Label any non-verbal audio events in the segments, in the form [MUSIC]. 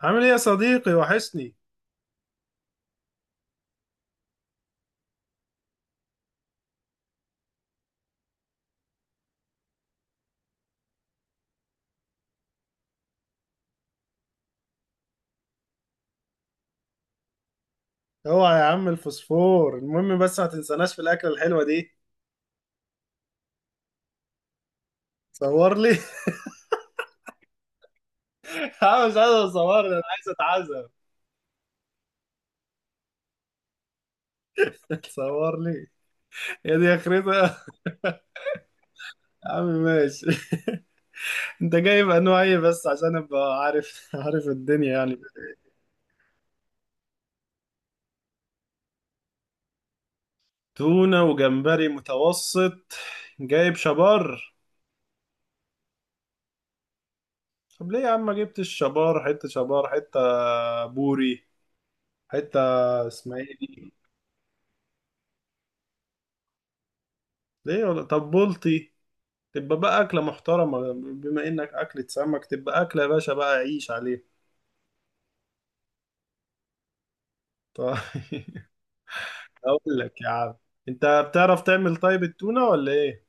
عامل ايه يا صديقي؟ وحشني. اوعى يا عم الفوسفور. المهم بس ما تنساناش في الاكله الحلوه دي. صور لي. [LAUGHS] انا مش عايز اصور لي، انا عايز اتعزم. [LAUGHS] صور لي. يا دي اخرتها. يا عم ماشي. [LAUGHS] انت جايب انواع ايه بس عشان ابقى عارف الدنيا يعني. تونه وجمبري متوسط. جايب شبار؟ طب ليه يا عم ما جبتش شبار؟ حته شبار، حته بوري، حته اسمها ايه دي؟ ليه؟ ولا طب بلطي؟ تبقى بقى أكلة محترمة، بما إنك أكلة سمك تبقى أكلة يا باشا بقى، عيش عليها. طيب. [LAUGHS] أقول لك يا عم، أنت بتعرف تعمل طيب التونة ولا إيه؟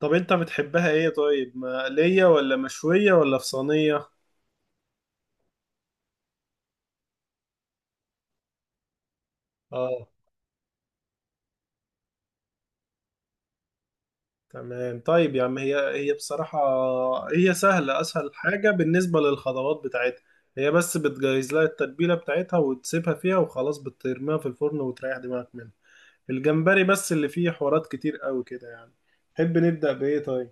طب أنت بتحبها إيه طيب؟ مقلية ولا مشوية ولا في صينية؟ آه، تمام. طيب يا عم، هي هي بصراحة هي سهلة، أسهل حاجة بالنسبة للخطوات بتاعتها. هي بس بتجهز لها التتبيلة بتاعتها وتسيبها فيها وخلاص، بترميها في الفرن وتريح دماغك منها. الجمبري بس اللي فيه حوارات كتير قوي كده يعني. تحب نبدأ بإيه طيب؟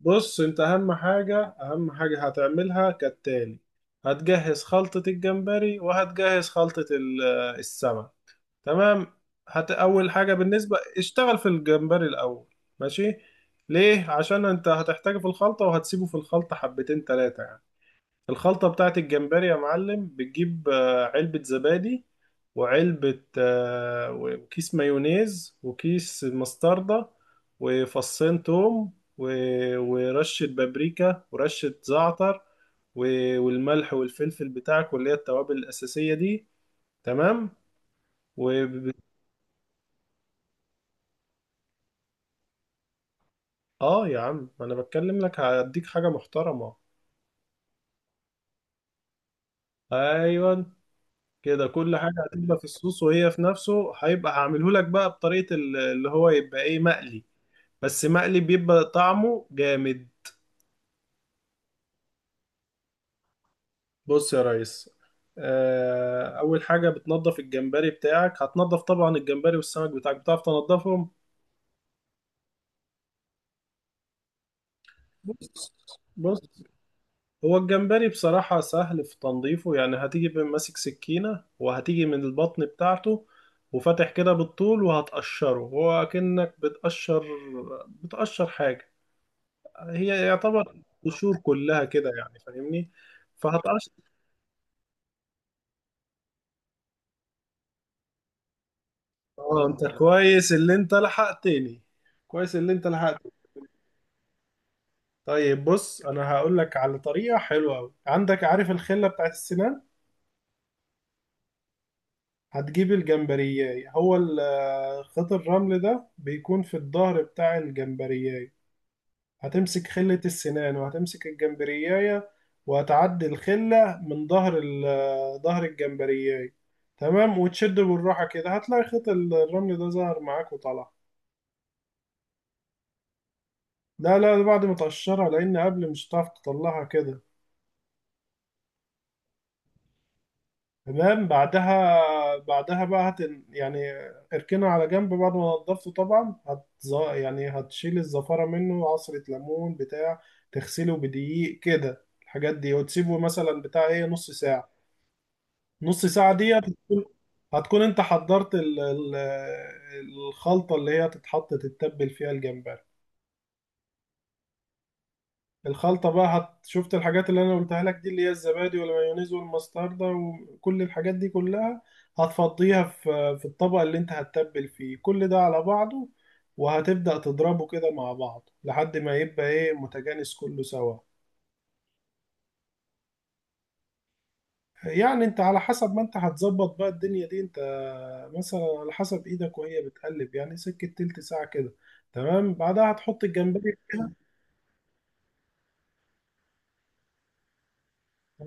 بص، انت اهم حاجة هتعملها كالتالي: هتجهز خلطة الجمبري وهتجهز خلطة السمك. تمام. هت اول حاجة بالنسبة اشتغل في الجمبري الاول. ماشي. ليه؟ عشان انت هتحتاجه في الخلطة وهتسيبه في الخلطة حبتين تلاتة يعني. الخلطة بتاعت الجمبري يا معلم بتجيب علبة زبادي، وعلبة وكيس مايونيز وكيس مستردة، وفصين توم ورشة بابريكا، ورشة زعتر، والملح والفلفل بتاعك، واللي هي التوابل الأساسية دي. تمام. و... اه يا عم ما انا بتكلم لك هديك حاجة محترمة. ايوه، كده كل حاجة هتبقى في الصوص وهي في نفسه، هيبقى هعمله لك بقى بطريقة اللي هو يبقى ايه، مقلي. بس مقلي بيبقى طعمه جامد. بص يا ريس، أول حاجة بتنضف الجمبري بتاعك. هتنضف طبعا الجمبري والسمك بتاعك، بتعرف تنضفهم. بص بص. هو الجمبري بصراحة سهل في تنظيفه، يعني هتيجي ماسك سكينة وهتيجي من البطن بتاعته، وفاتح كده بالطول وهتقشره، هو كأنك بتقشر حاجة، هي يعتبر قشور كلها كده يعني، فاهمني؟ فهتقش اه انت كويس اللي انت لحقتني. طيب بص، انا هقول لك على طريقه حلوه قوي. عندك عارف الخله بتاعت السنان؟ هتجيب الجمبرياي، هو خيط الرمل ده بيكون في الظهر بتاع الجمبرياي. هتمسك خلة السنان وهتمسك الجمبرياية، وهتعدي الخلة من ظهر ظهر الجمبرياية. تمام، وتشد بالراحة كده هتلاقي خيط الرمل ده ظهر معاك وطلع. لا لا، ده بعد ما تقشرها، لأن قبل مش هتعرف تطلعها كده. تمام، بعدها. بعدها بقى هت يعني اركنها على جنب بعد ما نضفته طبعا. هت يعني هتشيل الزفارة منه، عصرة ليمون بتاع، تغسله بدقيق كده الحاجات دي، وتسيبه مثلا بتاع ايه، نص ساعة. نص ساعة دي هتكون، انت حضرت الخلطة اللي هي هتتحط تتبل فيها الجمبري. الخلطة بقى هت... شفت الحاجات اللي انا قلتها لك دي، اللي هي الزبادي والمايونيز والمستردة وكل الحاجات دي كلها، هتفضيها في الطبق اللي انت هتتبل فيه كل ده على بعضه. وهتبدأ تضربه كده مع بعض لحد ما يبقى ايه، متجانس كله سوا. يعني انت على حسب ما انت هتظبط بقى الدنيا دي انت، مثلا على حسب ايدك وهي بتقلب، يعني سكة تلت ساعة كده. تمام، بعدها هتحط الجمبري فيها.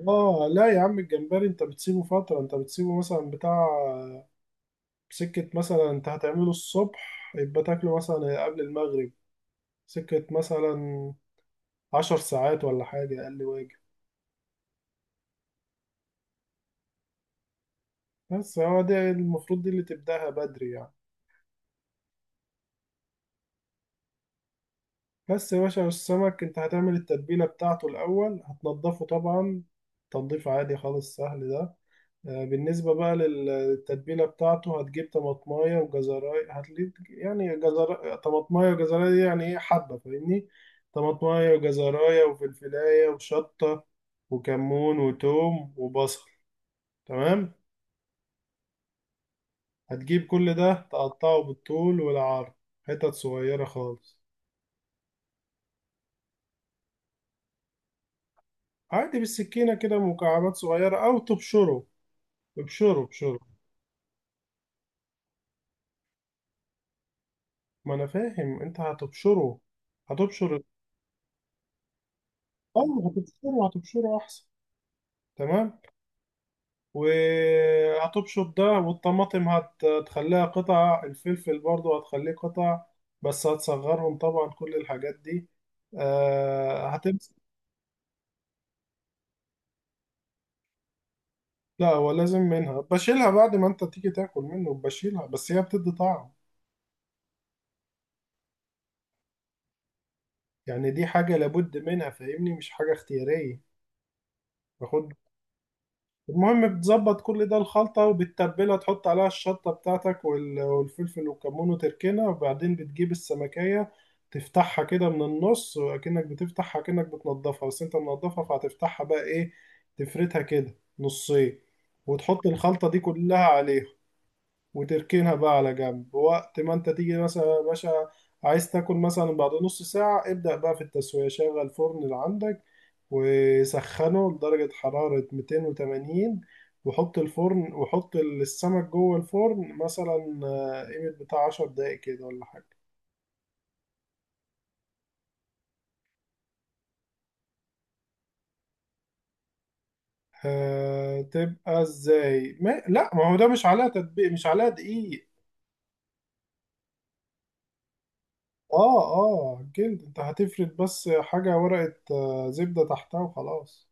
اه لا يا عم، الجمبري انت بتسيبه فترة، انت بتسيبه مثلا بتاع سكة، مثلا انت هتعمله الصبح يبقى تاكله مثلا قبل المغرب. سكة مثلا عشر ساعات ولا حاجة اقل، واجب. بس هو ده المفروض، دي اللي تبدأها بدري يعني. بس يا باشا السمك، انت هتعمل التتبيلة بتاعته الأول. هتنضفه طبعا، تنظيف عادي خالص، سهل ده. بالنسبة بقى للتتبيلة بتاعته، هتجيب طماطماية وجزراية، هتجيب يعني جزر. طماطماية وجزراية دي يعني ايه، حبة، فاهمني؟ طماطماية وجزراية وفلفلاية وشطة، وكمون وتوم وبصل. تمام. هتجيب كل ده تقطعه بالطول والعرض، حتت صغيرة خالص. عادي بالسكينة كده، مكعبات صغيرة أو تبشره. ابشروا ابشروا. ما انا فاهم، انت هتبشره. هتبشر اه هتبشره احسن. تمام. وهتبشر ده، والطماطم هتخليها قطع، الفلفل برضو هتخليه قطع، بس هتصغرهم طبعا كل الحاجات دي. آه، هتمسك. لا هو لازم منها، بشيلها بعد ما انت تيجي تاكل منه، بشيلها، بس هي بتدي طعم. يعني دي حاجة لابد منها، فاهمني، مش حاجة اختيارية. باخد. المهم بتظبط كل ده الخلطة وبتتبلها، تحط عليها الشطة بتاعتك والفلفل والكمون، وتركنها، وبعدين بتجيب السمكية. تفتحها كده من النص، وأكنك بتفتحها كأنك بتنضفها، بس انت منضفها، فهتفتحها بقى ايه، تفردها كده نصين، وتحط الخلطة دي كلها عليها، وتركنها بقى على جنب. وقت ما انت تيجي مثلا يا باشا عايز تاكل مثلا بعد نص ساعة، ابدأ بقى في التسوية. شغل الفرن اللي عندك وسخنه لدرجة حرارة 280، وحط الفرن وحط السمك جوه الفرن مثلا قيمة بتاع 10 دقايق كده ولا حاجة. آه تبقى ازاي؟ ما لا ما هو ده مش عليها تطبيق، مش عليها دقيق. اه، جلد، انت هتفرد بس حاجة ورقة زبدة تحتها وخلاص.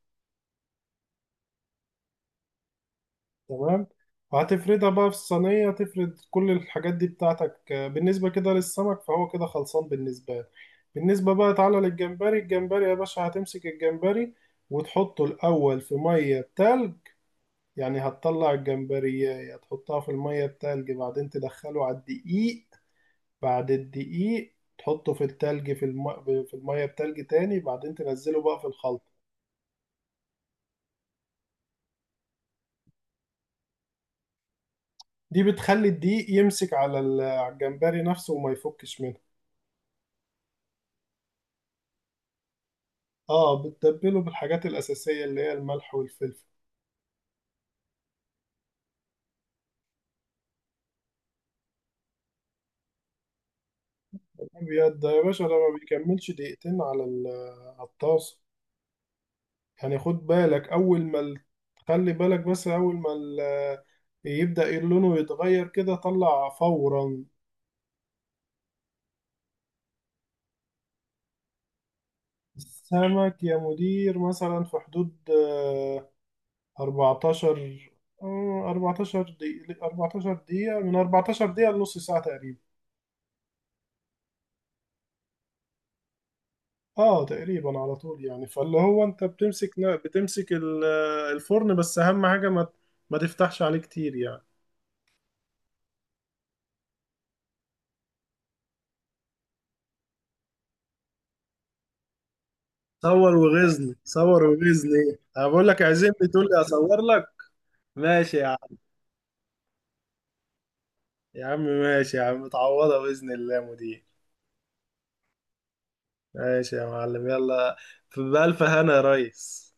تمام. وهتفردها بقى في الصينية، تفرد كل الحاجات دي بتاعتك. بالنسبة كده للسمك فهو كده خلصان بالنسبة لك. بالنسبة بقى تعالى للجمبري، الجمبري يا باشا هتمسك الجمبري وتحطه الأول في مية بتلج. يعني هتطلع الجمبرية هتحطها في المية بتلج، بعدين تدخله على الدقيق، بعد الدقيق تحطه في التلج في في المية بتلج تاني، بعدين تنزله بقى في الخلطة. دي بتخلي الدقيق يمسك على على الجمبري نفسه وما يفكش منه. اه، بتتبله بالحاجات الأساسية اللي هي الملح والفلفل الأبيض ده يا باشا. ده ما بيكملش دقيقتين على على الطاسة. يعني خد بالك أول ما خلي بالك بس أول ما يبدأ لونه يتغير كده طلع فورا. السمك يا مدير مثلا في حدود آه، 14 آه، 14 دقيقة، من 14 دقيقة لنص ساعة تقريبا. اه تقريبا على طول يعني. فاللي هو انت بتمسك الفرن، بس اهم حاجه ما تفتحش عليه كتير يعني. صور وغزني، صور وغزني. انا بقول لك عزمني تقول لي اصور لك. ماشي يا عم. يا عم ماشي. يا عم متعوضه باذن الله يا مدير. ماشي يا معلم، يلا. في بألف هنا يا ريس.